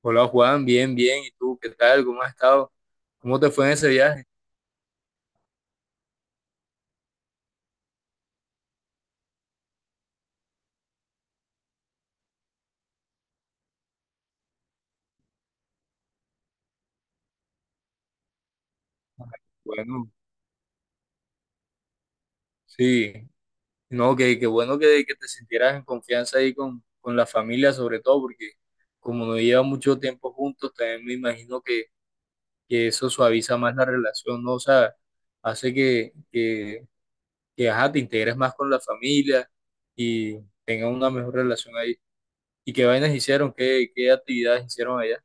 Hola Juan, bien, bien. ¿Y tú qué tal? ¿Cómo has estado? ¿Cómo te fue en ese viaje? Bueno, sí. No, que, qué bueno que te sintieras en confianza ahí con la familia, sobre todo, porque como no lleva mucho tiempo juntos, también me imagino que eso suaviza más la relación, ¿no? O sea, hace que ajá, te integres más con la familia y tengas una mejor relación ahí. ¿Y qué vainas hicieron? ¿Qué actividades hicieron allá?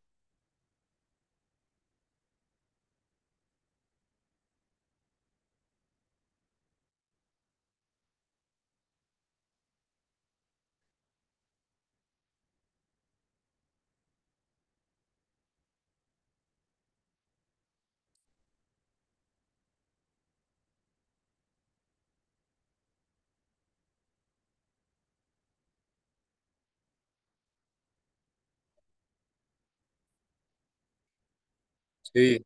Sí.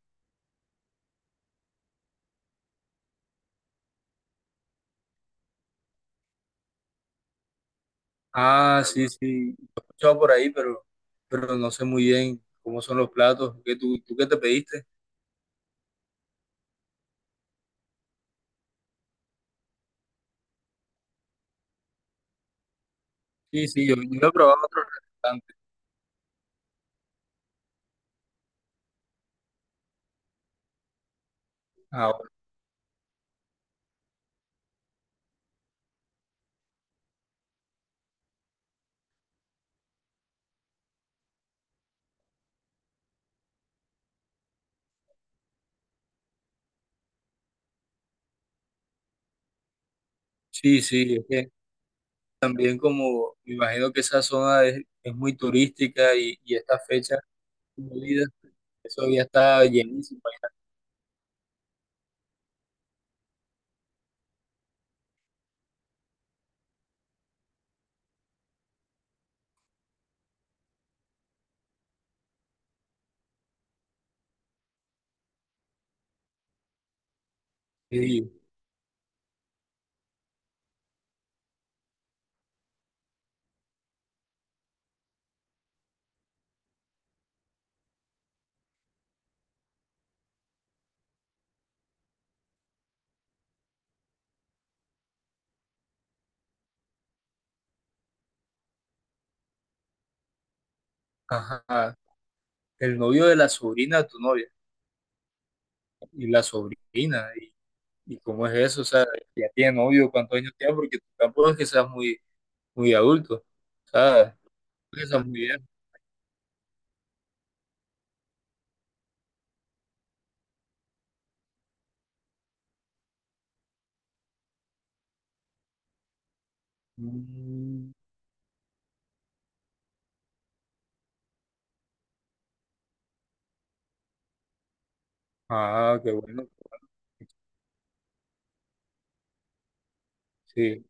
Ah, sí, sí. Lo he escuchado por ahí, pero no sé muy bien cómo son los platos. ¿Qué, tú qué te pediste? Sí, sí, yo lo he probado en otros restaurantes. Ahora. Sí, sí, es que también como me imagino que esa zona es muy turística y esta fecha de vida, eso ya está llenísimo. Sí, ajá. El novio de la sobrina de tu novia y la sobrina. Y cómo es eso? O sea, ya tiene novio, ¿cuántos años tiene? Porque tampoco es que seas muy, muy adulto, o sea. Esa muy bien. Mm. Ah, qué bueno. Sí,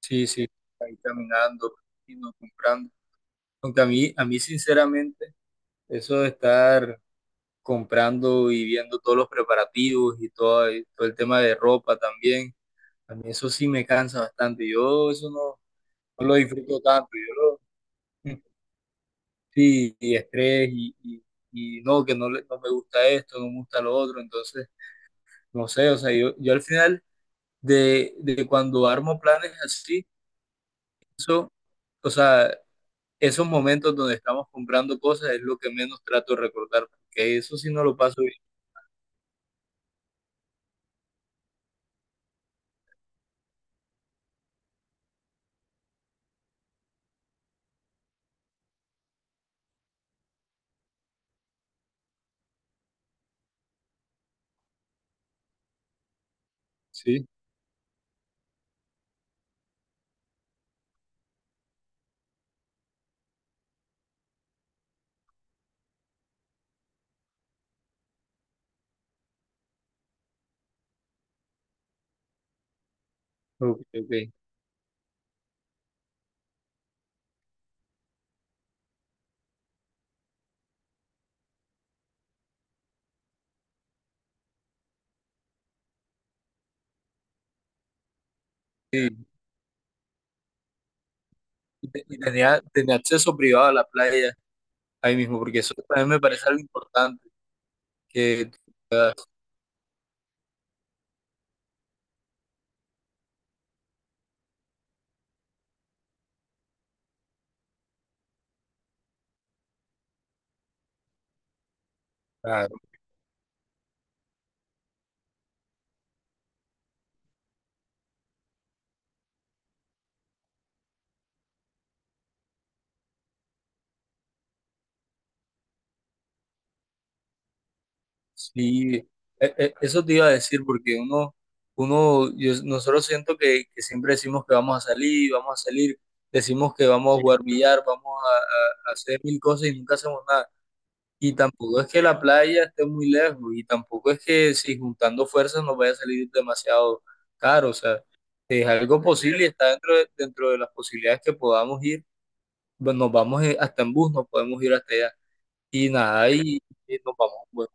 sí, sí. Ahí caminando, yendo, comprando. Aunque a mí sinceramente, eso de estar comprando y viendo todos los preparativos y todo el tema de ropa también, a mí eso sí me cansa bastante. Yo eso no, no lo disfruto tanto. Yo lo, mm, sí, y estrés y no, que no, no me gusta esto, no me gusta lo otro. Entonces, no sé, o sea, yo al final de cuando armo planes así, eso, o sea, esos momentos donde estamos comprando cosas es lo que menos trato de recordar, porque eso sí no lo paso bien. Sí, ok, ok. Sí, y tenía, tenía acceso privado a la playa ahí mismo, porque eso también me parece algo importante, que... Claro. Sí, eso te iba a decir, porque uno, uno, nosotros siento que siempre decimos que vamos a salir, decimos que vamos a, sí, jugar billar, vamos a, a hacer mil cosas y nunca hacemos nada. Y tampoco es que la playa esté muy lejos, y tampoco es que si juntando fuerzas nos vaya a salir demasiado caro, o sea, si es algo posible y está dentro de las posibilidades que podamos ir, bueno, nos vamos hasta en bus, nos podemos ir hasta allá, y nada, y nos vamos, bueno,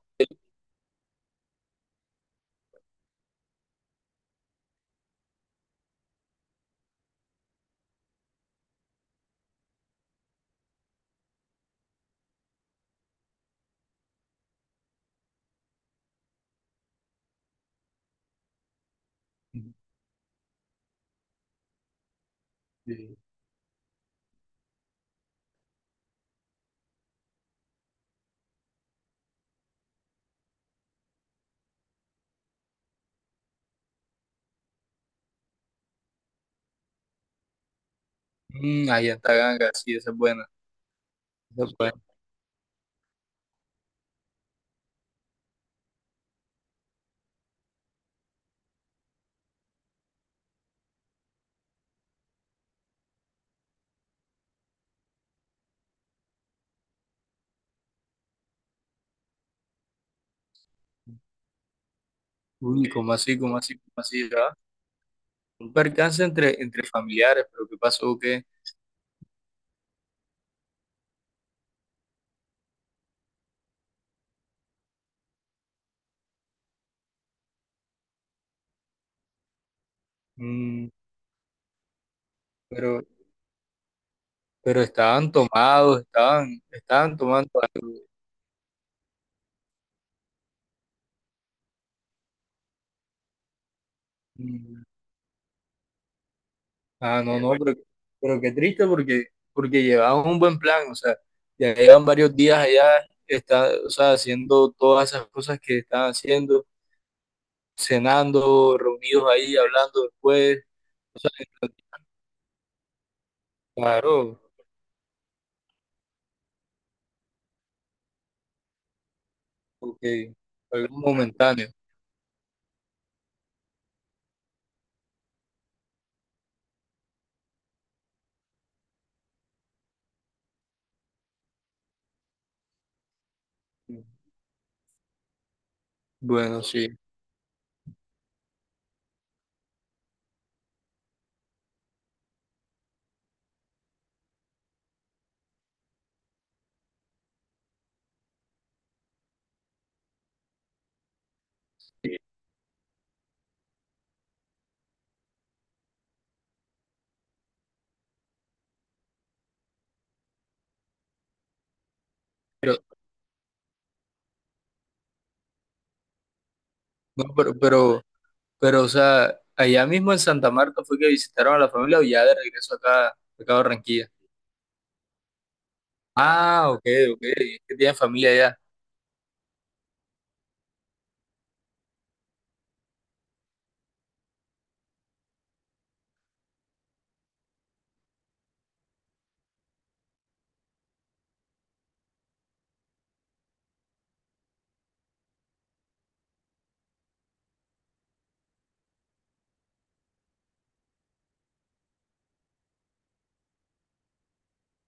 sí. Mm, allá está ganga sí, esa es buena, esa es buena. Uy, ¿cómo así, cómo así, cómo así, ya? Un percance entre, entre familiares, pero ¿qué pasó? ¿Qué? Mm, pero, pero estaban tomados, estaban, estaban tomando algo. Mm. Ah, no, no, bueno, pero qué triste porque, porque llevaban un buen plan, o sea, ya llevan varios días allá, está, o sea, haciendo todas esas cosas que están haciendo, cenando, reunidos ahí, hablando después, o sea, claro, porque algo momentáneo. Bueno, sí, pero, no, pero, o sea, allá mismo en Santa Marta fue que visitaron a la familia o ya de regreso acá, acá a Barranquilla. Ah, ok, ok, es que tienen familia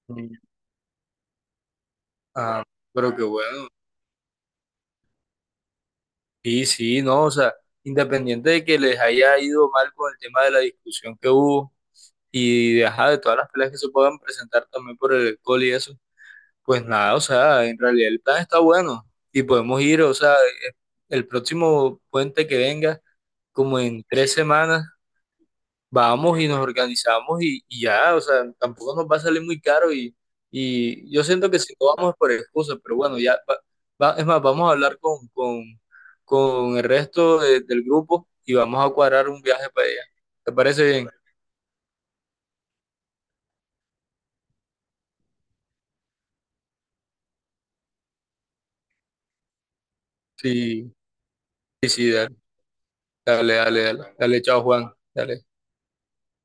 allá. Ah, pero qué bueno. Sí, sí, no, o sea, independiente de que les haya ido mal con el tema de la discusión que hubo y de, ajá, de todas las peleas que se puedan presentar también por el alcohol y eso, pues nada, o sea, en realidad el plan está bueno y podemos ir, o sea, el próximo puente que venga, como en 3 semanas, vamos y nos organizamos y ya, o sea, tampoco nos va a salir muy caro y yo siento que si no vamos es por excusa, pero bueno, ya, es más, vamos a hablar con el resto del grupo y vamos a cuadrar un viaje para allá. ¿Te parece bien? Sí, sí, sí, dale, dale, dale, dale, dale, chao Juan, dale.